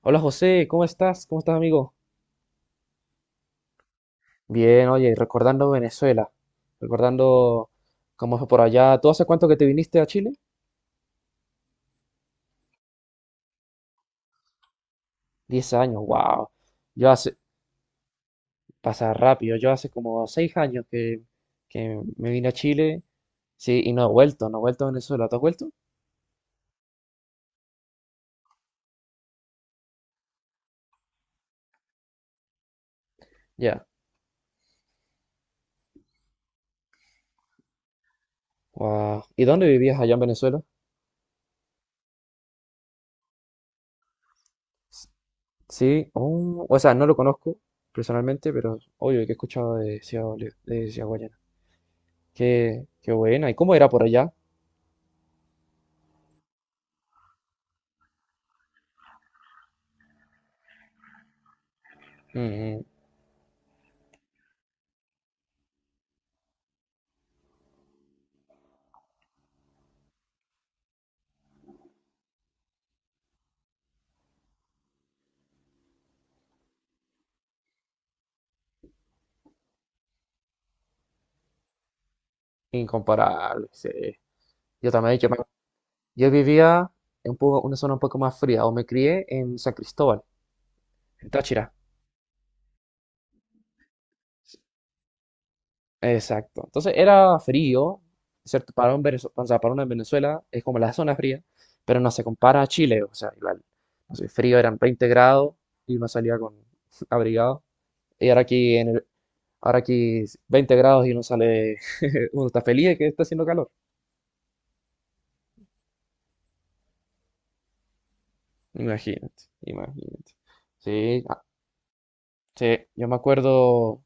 Hola José, ¿cómo estás? ¿Cómo estás, amigo? Bien, oye, recordando Venezuela, recordando cómo fue por allá. ¿Tú hace cuánto que te viniste a Chile? 10 años, wow. Yo hace, pasa rápido, yo hace como 6 años que me vine a Chile, sí, y no he vuelto, no he vuelto a Venezuela. ¿Tú has vuelto? Ya, wow. ¿Y dónde vivías allá en Venezuela? S- Sí, oh, o sea, no lo conozco personalmente, pero obvio que he escuchado de Ciudad, de Ciudad Guayana. Qué, qué buena. ¿Y cómo era por allá? Mm. Incomparable, sí. Yo también, yo vivía en una zona un poco más fría, o me crié en San Cristóbal, en Táchira. Exacto. Entonces era frío, ¿cierto? Para un o sea, para uno en Venezuela es como la zona fría, pero no se compara a Chile, o sea, igual, no sé, frío eran 20 grados y uno salía con abrigado. Y ahora aquí en ahora aquí es 20 grados y uno sale, uno está feliz de que está haciendo calor. Imagínate, imagínate. Sí, ah, sí, yo me acuerdo.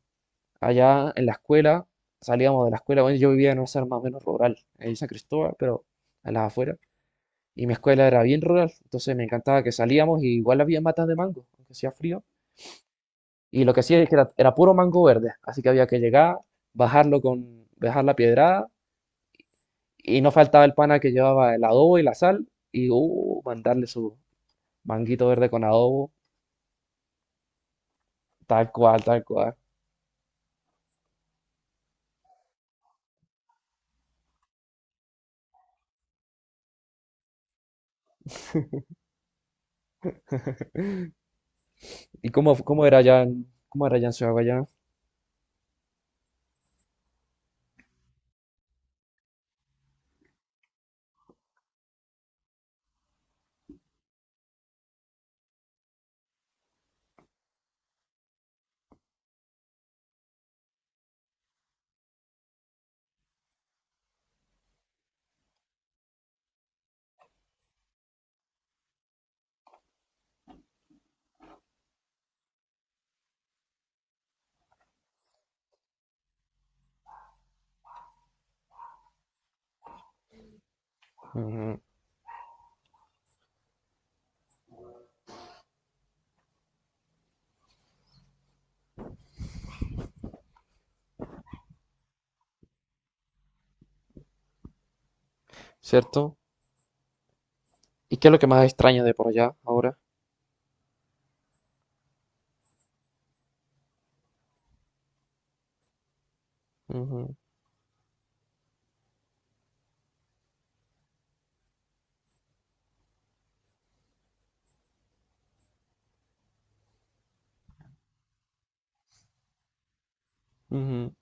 Allá en la escuela, salíamos de la escuela, bueno, yo vivía en una zona más o menos rural, en San Cristóbal, pero a las afueras. Y mi escuela era bien rural, entonces me encantaba que salíamos y igual había matas de mango, aunque hacía frío. Y lo que hacía es que era puro mango verde, así que había que llegar, bajar la piedrada, y no faltaba el pana que llevaba el adobo y la sal, y mandarle su manguito verde con adobo, tal cual, tal cual. ¿Y cómo era cómo era allá en Ciudad Guayana? Ujú. ¿Cierto? ¿Y qué es lo que más extraña de por allá ahora? Ujú, ujú.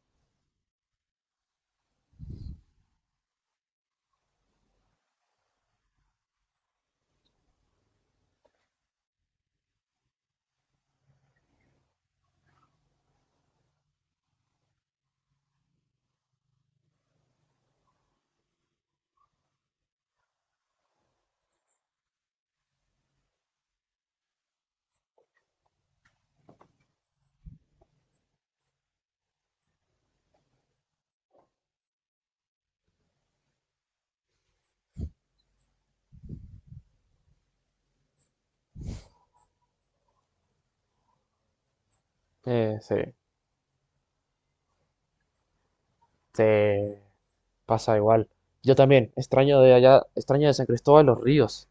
Sí, te pasa igual. Yo también, extraño de allá, extraño de San Cristóbal los Ríos.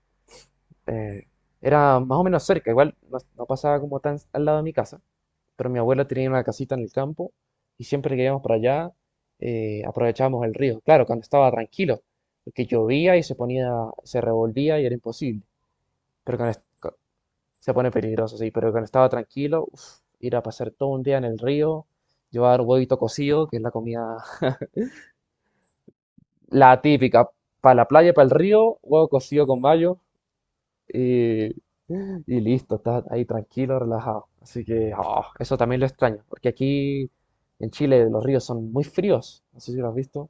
Eh, era más o menos cerca, igual no, no pasaba como tan al lado de mi casa, pero mi abuela tenía una casita en el campo y siempre que íbamos para allá aprovechábamos el río. Claro, cuando estaba tranquilo, porque llovía y se ponía, se revolvía y era imposible. Pero se pone peligroso, sí, pero cuando estaba tranquilo, uf, ir a pasar todo un día en el río, llevar huevito cocido, que es la comida, la típica, para la playa, para el río, huevo cocido con mayo y listo, estás ahí tranquilo, relajado. Así que ah, eso también lo extraño, porque aquí en Chile los ríos son muy fríos, no sé si lo has visto.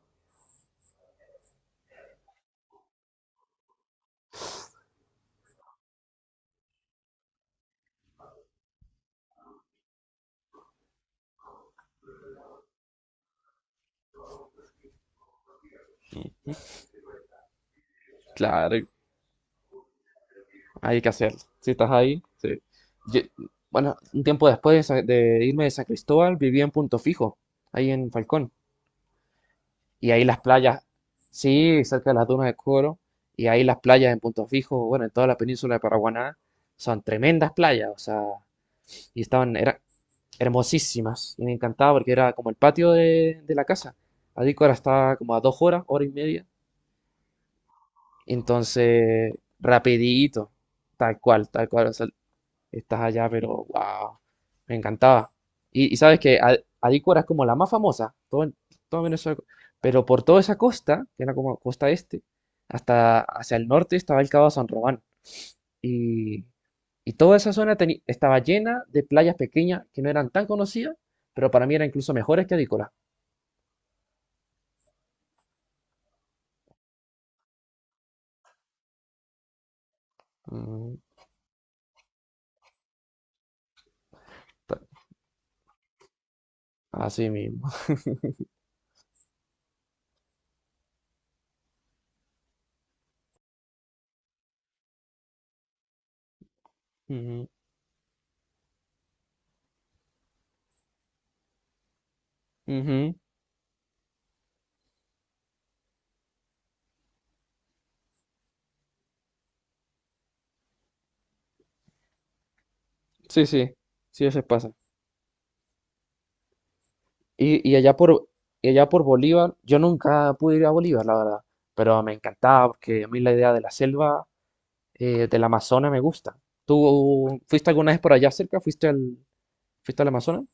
Claro, hay que hacerlo. Si estás ahí, sí. Yo- bueno, un tiempo después de irme de San Cristóbal, viví en Punto Fijo, ahí en Falcón. Y ahí las playas, sí, cerca de las dunas de Coro, y ahí las playas en Punto Fijo, bueno, en toda la península de Paraguaná, son tremendas playas, o sea, eran hermosísimas, y me encantaba porque era como el patio de la casa. Adícora está como a 2 horas, hora y media, entonces, rapidito, tal cual, o sea, estás allá, pero wow, me encantaba. Y sabes que Alícuara es como la más famosa, todo, todo Venezuela, pero por toda esa costa, que era como costa este, hasta hacia el norte estaba el Cabo de San Román. Y, y toda esa zona estaba llena de playas pequeñas que no eran tan conocidas, pero para mí eran incluso mejores que Alícuara. Mm, ta- así mismo. Ujú, ujú. Sí, sí, sí, a veces pasa. Y, y allá por, y allá por Bolívar, yo nunca pude ir a Bolívar, la verdad, pero me encantaba porque a mí la idea de la selva, del Amazonas me gusta. ¿Tú fuiste alguna vez por allá cerca? ¿Fuiste fuiste al Amazonas?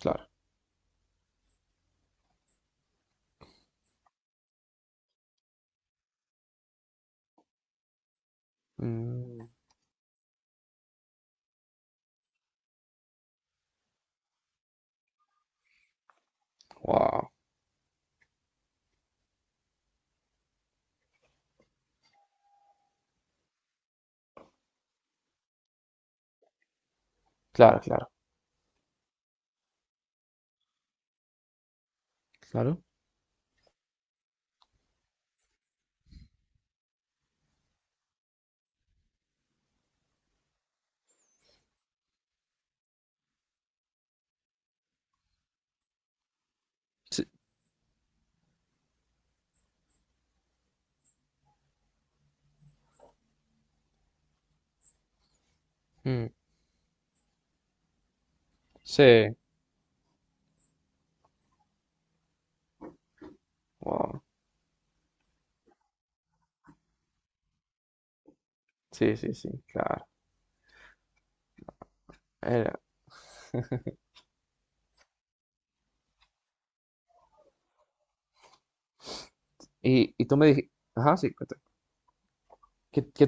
Claro. Mm, wow. Claro, claro, claro. Sí. Mm, sí. Wow. Sí, sí, sí, claro. Era- y tú me dijiste, ajá, sí, cuenta. Que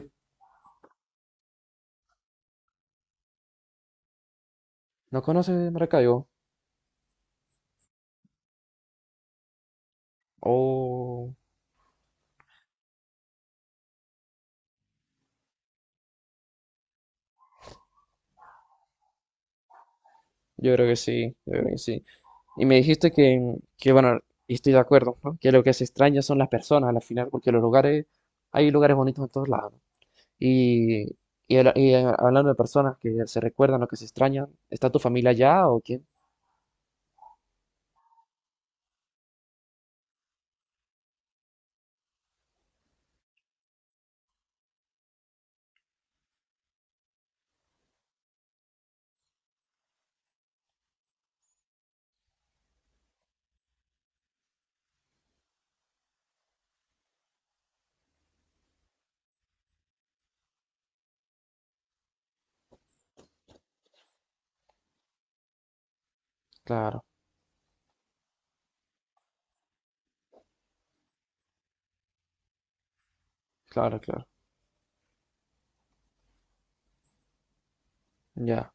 no conoces Maracaibo? Oh, yo creo que sí, yo creo que sí. Y me dijiste bueno, y estoy de acuerdo, ¿no? Que lo que se extraña son las personas al final, porque los lugares, hay lugares bonitos en todos lados, ¿no? Y, y, hablando de personas que se recuerdan o que se extrañan, ¿está tu familia allá o quién? Claro, claro, claro, ya,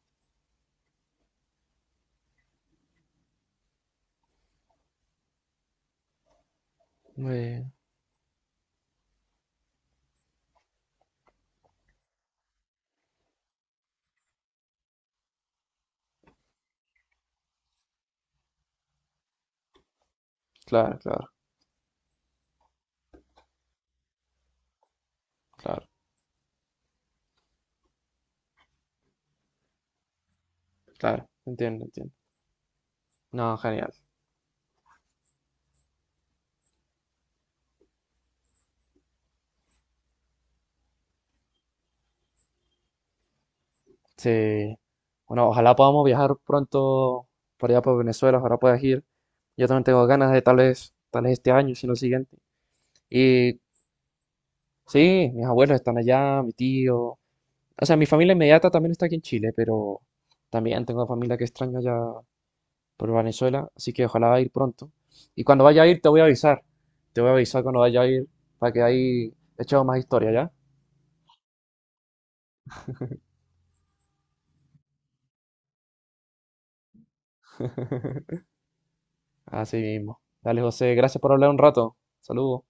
eh, claro, claro, claro, claro, entiendo, entiendo. No, genial. Sí. Bueno, ojalá podamos viajar pronto por allá por Venezuela, ojalá puedas ir. Yo también tengo ganas de tal vez este año, si no el siguiente. Y sí, mis abuelos están allá, mi tío. O sea, mi familia inmediata también está aquí en Chile, pero también tengo familia que extraño allá por Venezuela, así que ojalá ir pronto. Y cuando vaya a ir te voy a avisar. Te voy a avisar cuando vaya a ir para que ahí echemos más historia, ¿ya? Así mismo. Dale, José, gracias por hablar un rato. Saludos.